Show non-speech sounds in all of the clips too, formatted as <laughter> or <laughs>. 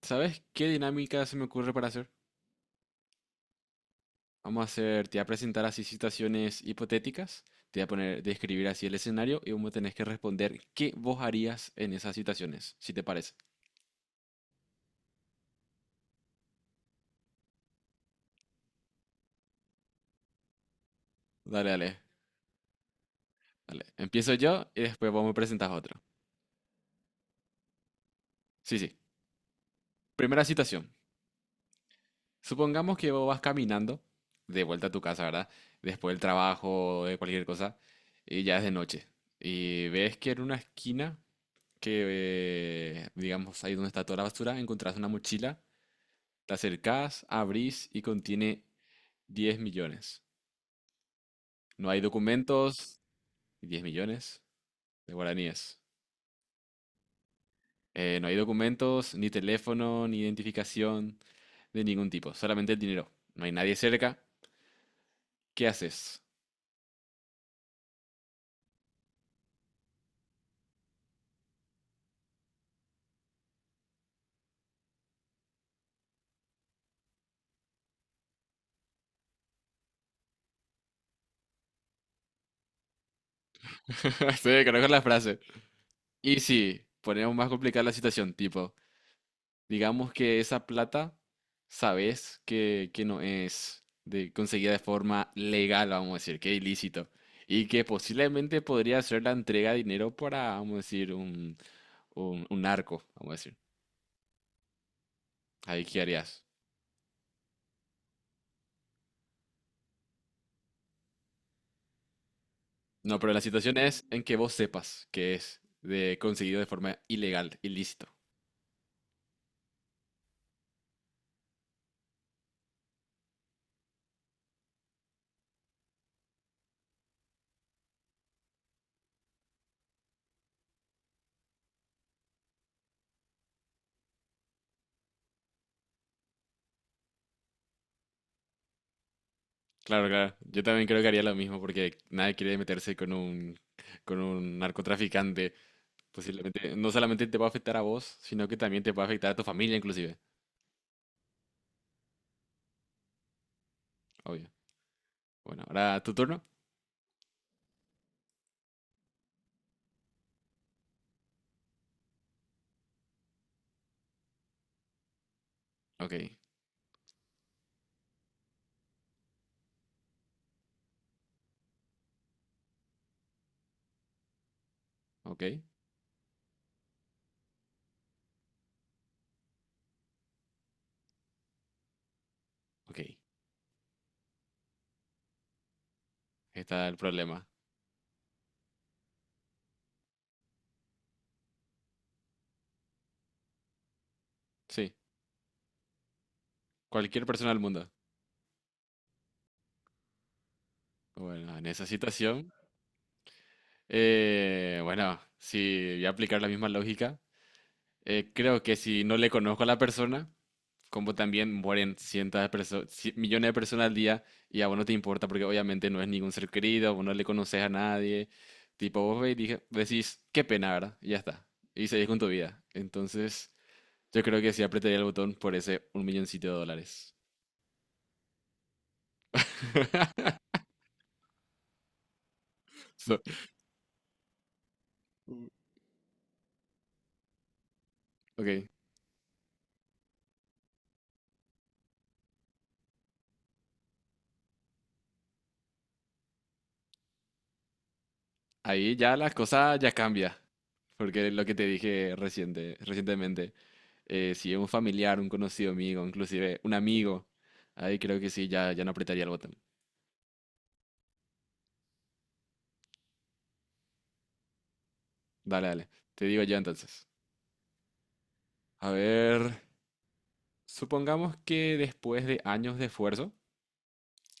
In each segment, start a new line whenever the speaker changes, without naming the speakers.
¿Sabes qué dinámica se me ocurre para hacer? Te voy a presentar así situaciones hipotéticas, te voy a poner, describir así el escenario y vos me tenés que responder qué vos harías en esas situaciones, si te parece. Dale, dale, dale. Empiezo yo y después vos me presentás otro. Sí, sí. Primera situación. Supongamos que vos vas caminando de vuelta a tu casa, ¿verdad? Después del trabajo, de cualquier cosa, y ya es de noche. Y ves que en una esquina, que digamos ahí donde está toda la basura, encontrás una mochila. Te acercás, abrís y contiene 10 millones. No hay documentos, 10 millones de guaraníes. No hay documentos, ni teléfono, ni identificación de ningún tipo, solamente el dinero. No hay nadie cerca. ¿Qué haces? <laughs> Sí, conozco la frase. Y sí, ponemos más complicada la situación, tipo, digamos que esa plata, sabes que no es de, conseguida de forma legal, vamos a decir, que ilícito. Y que posiblemente podría ser la entrega de dinero para, vamos a decir, un narco, vamos a decir. Ahí qué harías. No, pero la situación es en que vos sepas que es de, conseguido de forma ilegal, ilícito. Claro, claro. Yo también creo que haría lo mismo porque nadie quiere meterse con un, narcotraficante. Posiblemente, no solamente te va a afectar a vos, sino que también te va a afectar a tu familia, inclusive. Obvio. Bueno, ahora tu turno. Ok, ok, ok. Está el problema. Sí, cualquier persona del mundo. Bueno, en esa situación, bueno, si voy a aplicar la misma lógica, creo que si no le conozco a la persona, como también mueren cientos de personas, millones de personas al día, y a vos no te importa porque obviamente no es ningún ser querido, vos no le conoces a nadie. Tipo, vos ve y dije, decís, qué pena, ¿verdad? Y ya está. Y seguís con tu vida. Entonces, yo creo que sí apretaría el botón por ese un milloncito de dólares. <laughs> So- Mm. Ok, ahí ya la cosa ya cambia. Porque lo que te dije reciente, recientemente, si es un familiar, un conocido amigo, inclusive un amigo, ahí creo que sí, ya, ya no apretaría el botón. Dale, dale. Te digo yo entonces. A ver, supongamos que después de años de esfuerzo,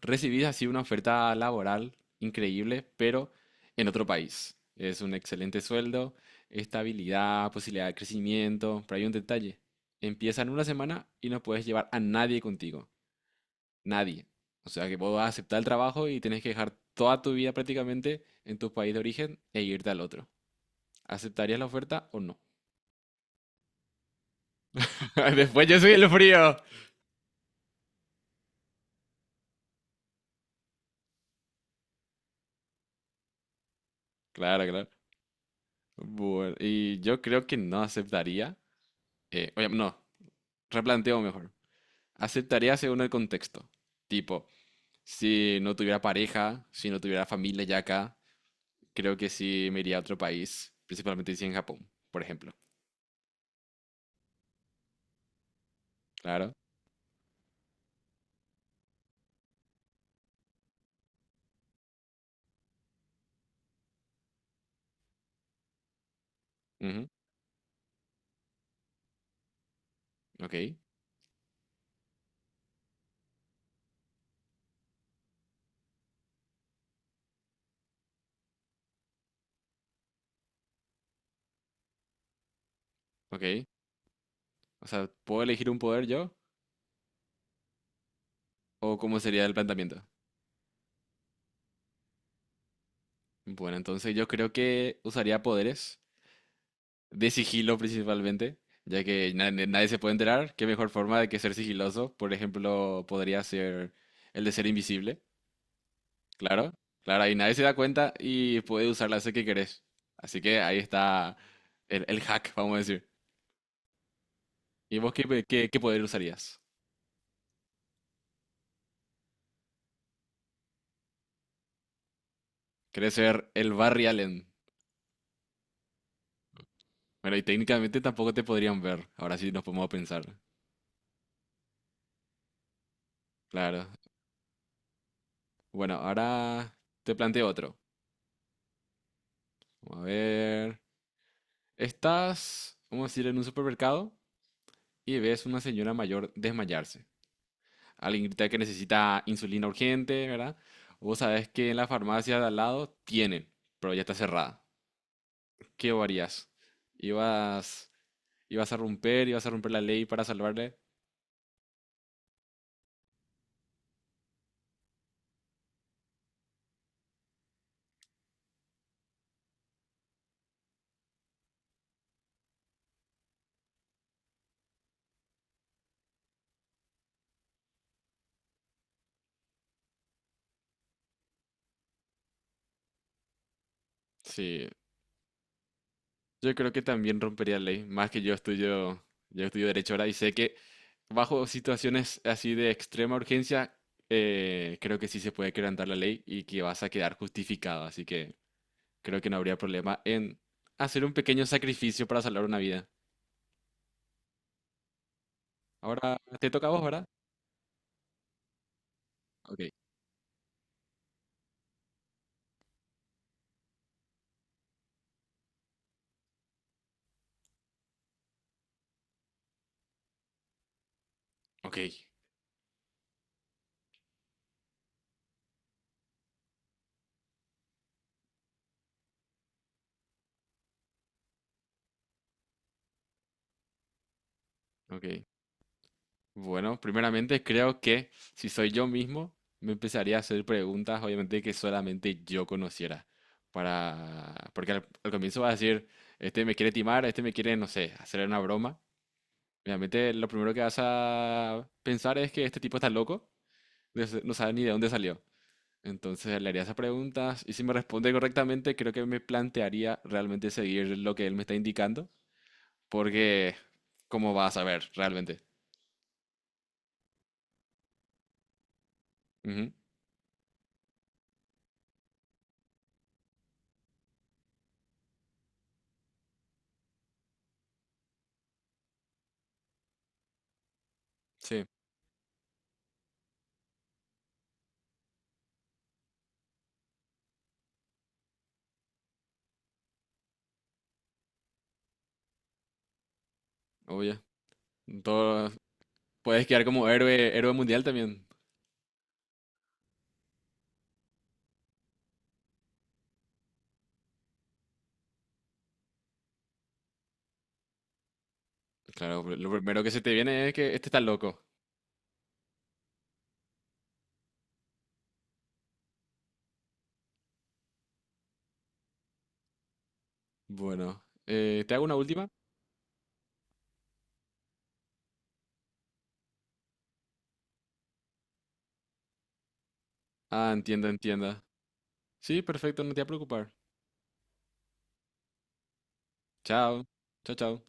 recibís así una oferta laboral increíble, pero en otro país. Es un excelente sueldo, estabilidad, posibilidad de crecimiento, pero hay un detalle. Empieza en una semana y no puedes llevar a nadie contigo. Nadie. O sea que vos vas a aceptar el trabajo y tenés que dejar toda tu vida prácticamente en tu país de origen e irte al otro. ¿Aceptarías la oferta o no? <laughs> Después yo soy el frío. Claro, claro. Bueno, y yo creo que no aceptaría, oye, no, replanteo mejor. Aceptaría según el contexto. Tipo, si no tuviera pareja, si no tuviera familia ya acá, creo que sí me iría a otro país, principalmente si en Japón, por ejemplo. Claro. Ujú. Ok, ok. O sea, ¿puedo elegir un poder yo? ¿O cómo sería el planteamiento? Bueno, entonces yo creo que usaría poderes de sigilo principalmente, ya que nadie se puede enterar. ¿Qué mejor forma de que ser sigiloso? Por ejemplo, podría ser el de ser invisible, claro, claro, ahí nadie se da cuenta y puede usar la hacer que querés. Así que ahí está el hack, vamos a decir. ¿Y vos qué, qué poder usarías? ¿Querés ser el Barry Allen? Bueno, y técnicamente tampoco te podrían ver. Ahora sí nos podemos pensar. Claro. Bueno, ahora te planteo otro. Vamos a ver. Estás, vamos a decir, en un supermercado y ves una señora mayor desmayarse. Alguien grita que necesita insulina urgente, ¿verdad? Vos sabés que en la farmacia de al lado tienen, pero ya está cerrada. ¿Qué harías? ¿Ibas, ibas a romper la ley para salvarle? Sí, yo creo que también rompería la ley, más que yo estudio derecho ahora y sé que bajo situaciones así de extrema urgencia, creo que sí se puede quebrantar la ley y que vas a quedar justificado. Así que creo que no habría problema en hacer un pequeño sacrificio para salvar una vida. Ahora te toca a vos, ¿verdad? Ok, ok, ok. Bueno, primeramente creo que si soy yo mismo, me empezaría a hacer preguntas, obviamente, que solamente yo conociera. Para... Porque al comienzo vas a decir, este me quiere timar, este me quiere, no sé, hacer una broma. Obviamente, lo primero que vas a pensar es que este tipo está loco, no sabe ni de dónde salió. Entonces le haría esas preguntas y si me responde correctamente, creo que me plantearía realmente seguir lo que él me está indicando, porque ¿cómo vas a saber realmente? Ujú. Sí, obvio. Todo, puedes quedar como héroe, héroe mundial también. Claro, pero lo primero que se te viene es que este está loco. Bueno, ¿te hago una última? Ah, entienda, entienda. Sí, perfecto, no te voy a preocupar. Chao, chao, chao.